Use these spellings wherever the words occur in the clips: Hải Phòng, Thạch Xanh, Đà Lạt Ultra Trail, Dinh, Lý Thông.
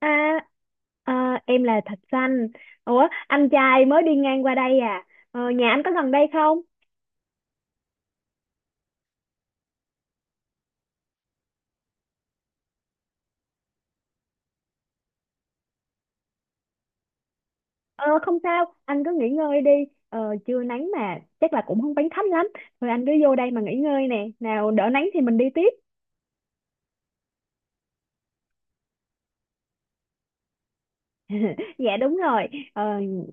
À, à, em là Thạch Xanh. Ủa, anh trai mới đi ngang qua đây à? Ờ, nhà anh có gần đây không? Ờ, không sao, anh cứ nghỉ ngơi đi. Ờ, trưa nắng mà, chắc là cũng không bánh thấp lắm. Thôi anh cứ vô đây mà nghỉ ngơi nè. Nào đỡ nắng thì mình đi tiếp. Dạ đúng rồi, ờ,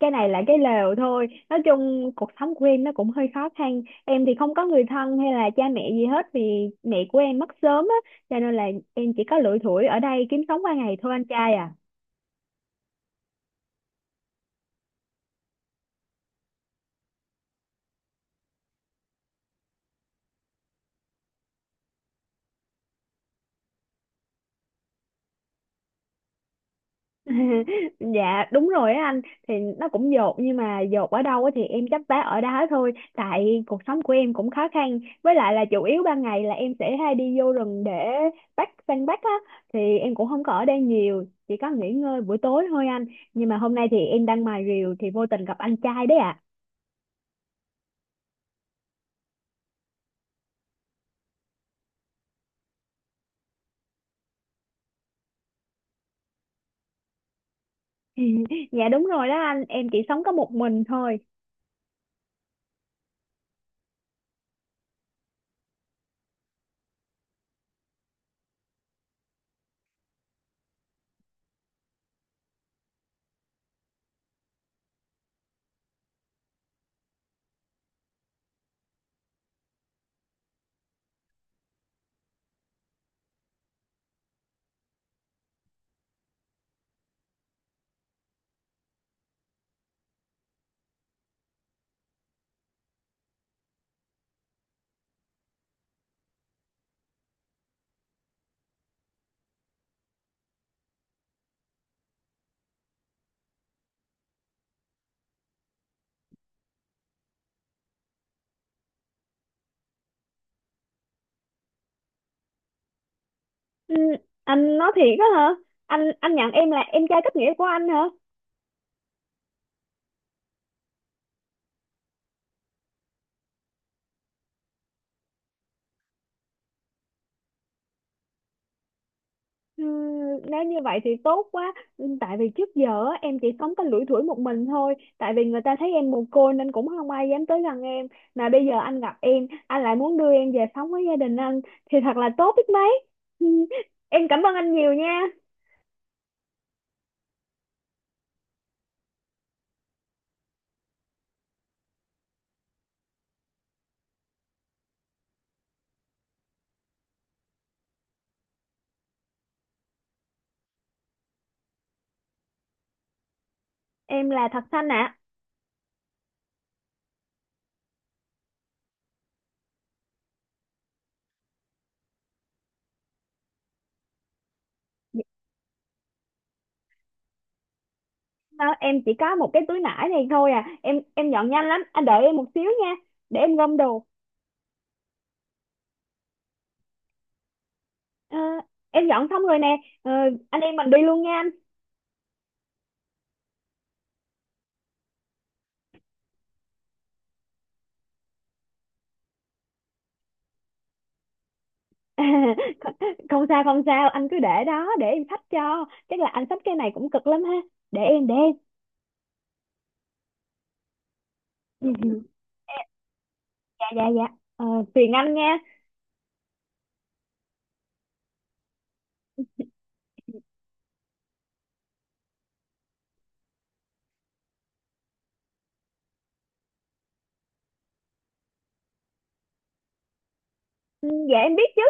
cái này là cái lều thôi. Nói chung cuộc sống của em nó cũng hơi khó khăn. Em thì không có người thân hay là cha mẹ gì hết, vì mẹ của em mất sớm á. Cho nên là em chỉ có lủi thủi ở đây kiếm sống qua ngày thôi anh trai à. Dạ đúng rồi á anh, thì nó cũng dột, nhưng mà dột ở đâu á thì em chấp vá ở đó thôi, tại cuộc sống của em cũng khó khăn, với lại là chủ yếu ban ngày là em sẽ hay đi vô rừng để săn bắt á. Thì em cũng không có ở đây nhiều, chỉ có nghỉ ngơi buổi tối thôi anh. Nhưng mà hôm nay thì em đang mài rìu thì vô tình gặp anh trai đấy ạ. Dạ đúng rồi đó anh, em chỉ sống có một mình thôi. Ừ, anh nói thiệt á hả? Anh nhận em là em trai kết nghĩa của anh hả? Ừ, nếu như vậy thì tốt quá. Ừ, tại vì trước giờ á, em chỉ sống có lủi thủi một mình thôi. Tại vì người ta thấy em mồ côi nên cũng không ai dám tới gần em. Mà bây giờ anh gặp em, anh lại muốn đưa em về sống với gia đình anh. Thì thật là tốt biết mấy. Ừ, em cảm ơn anh nhiều nha. Em là Thật Xanh ạ. Ờ, em chỉ có một cái túi nải này thôi à. Em dọn nhanh lắm. Anh đợi em một xíu nha. Để em gom đồ. Ờ, em dọn xong rồi nè. Ờ, anh em mình đi luôn nha anh. Không, không sao không sao, anh cứ để đó để em xách cho. Chắc là anh xách cái này cũng cực lắm ha. Để em. Ừ, ừ, dạ dạ dạ. Ờ, phiền anh nha. Ừ, dạ em biết chứ.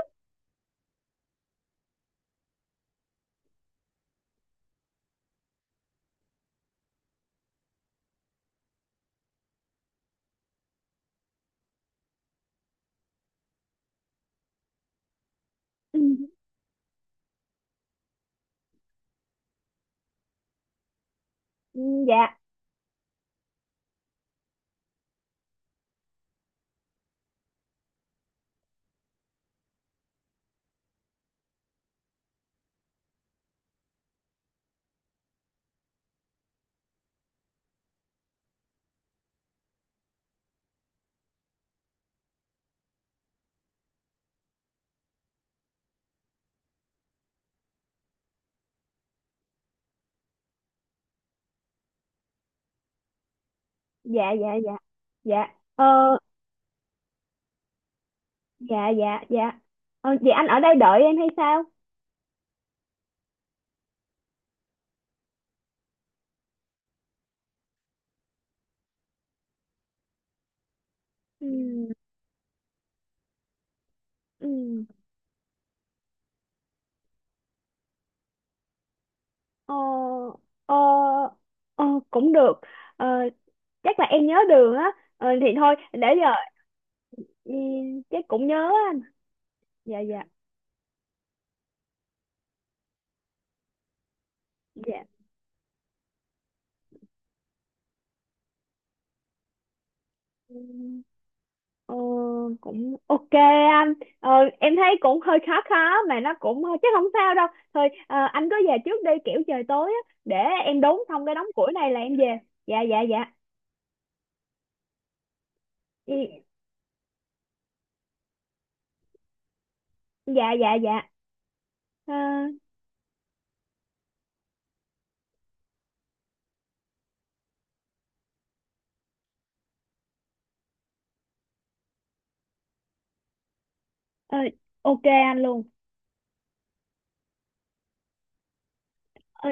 Ừ, ừ, dạ dạ dạ dạ dạ. Ờ, dạ dạ dạ. Ờ, vậy anh ở đây đợi em hay sao? Ừ, ừ, ờ, ờ, ờ, cũng được. Ờ, chắc là em nhớ đường á. Ờ, thì thôi để giờ. Ừ, chắc cũng nhớ anh. Dạ dạ dạ. Ừ. Ờ, cũng ok anh. ờ, em thấy cũng hơi khó khó, mà nó cũng chắc không sao đâu. Thôi anh cứ về trước đi, kiểu trời tối á, để em đốn xong cái đống củi này là em về. Dạ dạ dạ. Ừ, dạ dạ dạ. Ờ, ờ, ok anh luôn. Ờ,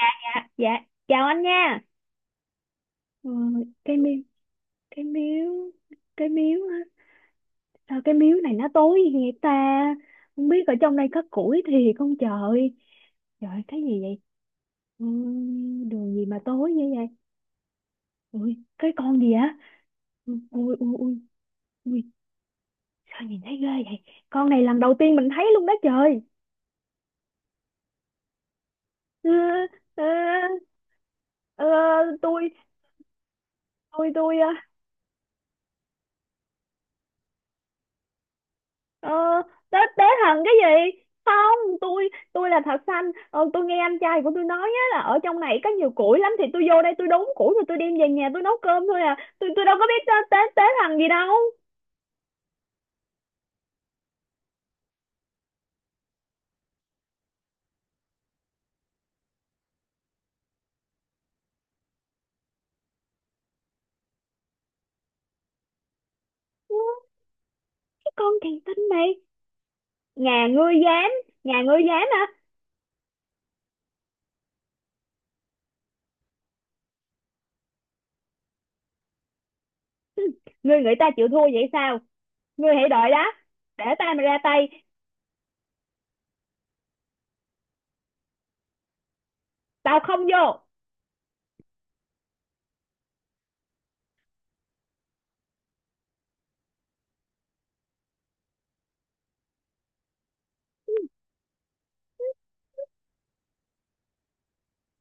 dạ dạ. Chào anh nha. Ờ, cái miếu, cái miếu, cái miếu á. Sao cái miếu này nó tối vậy ta? Không biết ở trong đây có củi thiệt không trời. Trời, cái gì vậy? Ừ, đường gì mà tối như vậy. Ui, cái con gì á? Ui, ui, ui, ui, ui, sao nhìn thấy ghê vậy? Con này lần đầu tiên mình thấy luôn đó trời. Ờ, ờ, ờ, tôi, tôi, ờ, tế thần cái gì? Không, tôi là thật xanh. Ờ, tôi nghe anh trai của tôi nói á là ở trong này có nhiều củi lắm, thì tôi vô đây tôi đốn củi rồi tôi đem về nhà tôi nấu cơm thôi à. Tôi đâu có biết tế thần gì đâu. Cái con kỳ tinh này, nhà ngươi dám, nhà ngươi dám hả? Ngươi nghĩ ta chịu thua vậy sao? Ngươi hãy đợi đó, để ta mà ra tay. Tao không vô.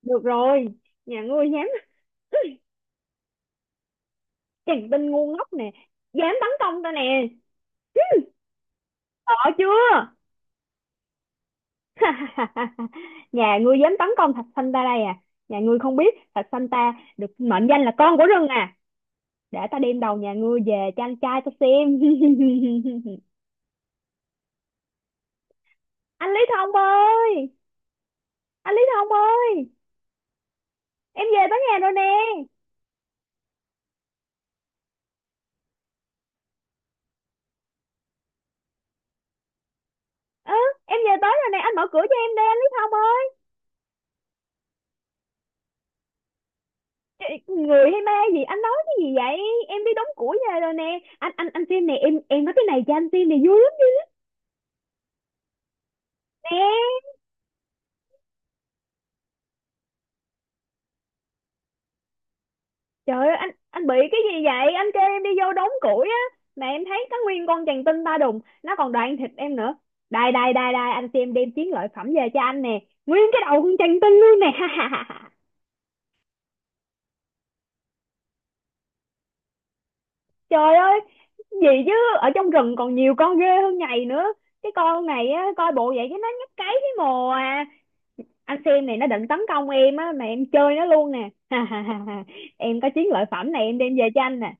Được rồi, nhà ngươi dám! Chàng tinh ngu ngốc nè, dám tấn công ta nè. Sợ chưa? Nhà ngươi dám tấn công thạch sanh ta đây à? Nhà ngươi không biết thạch sanh ta được mệnh danh là con của rừng à? Để ta đem đầu nhà ngươi về cho anh trai ta xem. Anh Lý Thông ơi! Anh Lý Thông ơi! Em về tới nhà rồi nè. Ừ, em về tới rồi nè, anh mở cửa cho em đi, anh Lý Thông ơi. Người hay ma gì, anh nói cái gì vậy? Em đi đóng củi về rồi nè anh, anh xem nè. Em nói cái này cho anh xem này, vui lắm nè. Trời ơi anh bị cái gì vậy? Anh kêu em đi vô đóng củi á, mà em thấy có nguyên con chằn tinh ba đùng, nó còn đoạn thịt em nữa. Đây đây đây đây, anh xem, đem chiến lợi phẩm về cho anh nè, nguyên cái đầu con chằn tinh luôn nè. Trời ơi, gì chứ. Ở trong rừng còn nhiều con ghê hơn nhầy nữa. Cái con này á, coi bộ vậy chứ nó nhấp cái mồ à. Anh xem này, nó định tấn công em á mà em chơi nó luôn nè. Em có chiến lợi phẩm này, em đem về cho anh nè.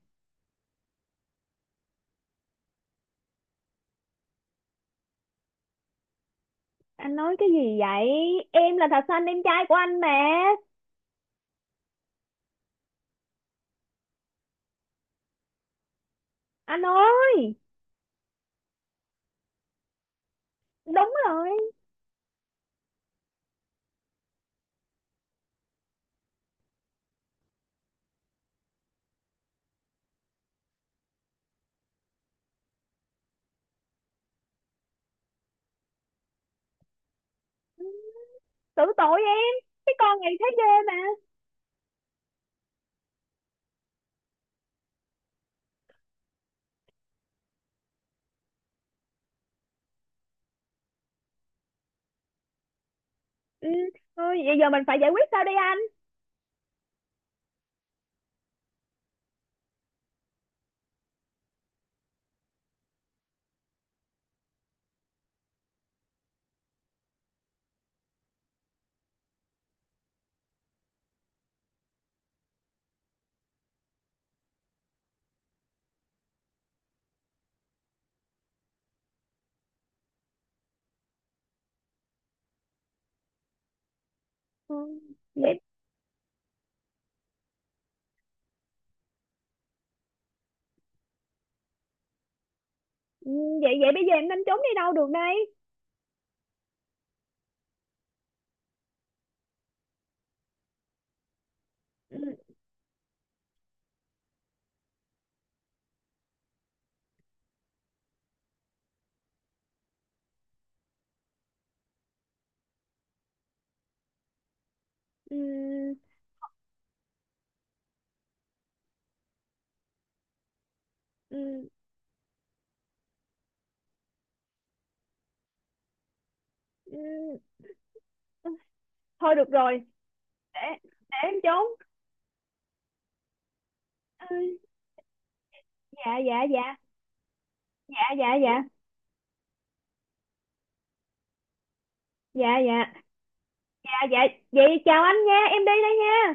Anh nói cái gì vậy? Em là thạch xanh, em trai của anh mà. Anh ơi! Đúng rồi. Tưởng tội em, cái con này thấy ghê mà. Ừ, thôi vậy giờ mình phải giải quyết sao đây anh? Ừ, vậy. Ừ, vậy vậy bây giờ em nên trốn đi đâu được đây? Ừ, ừ, ừ, ừ. Thôi được rồi. Để em trốn. Ừ, dạ dạ dạ dạ dạ dạ dạ dạ dạ dạ. Vậy chào anh nha, em đi đây nha.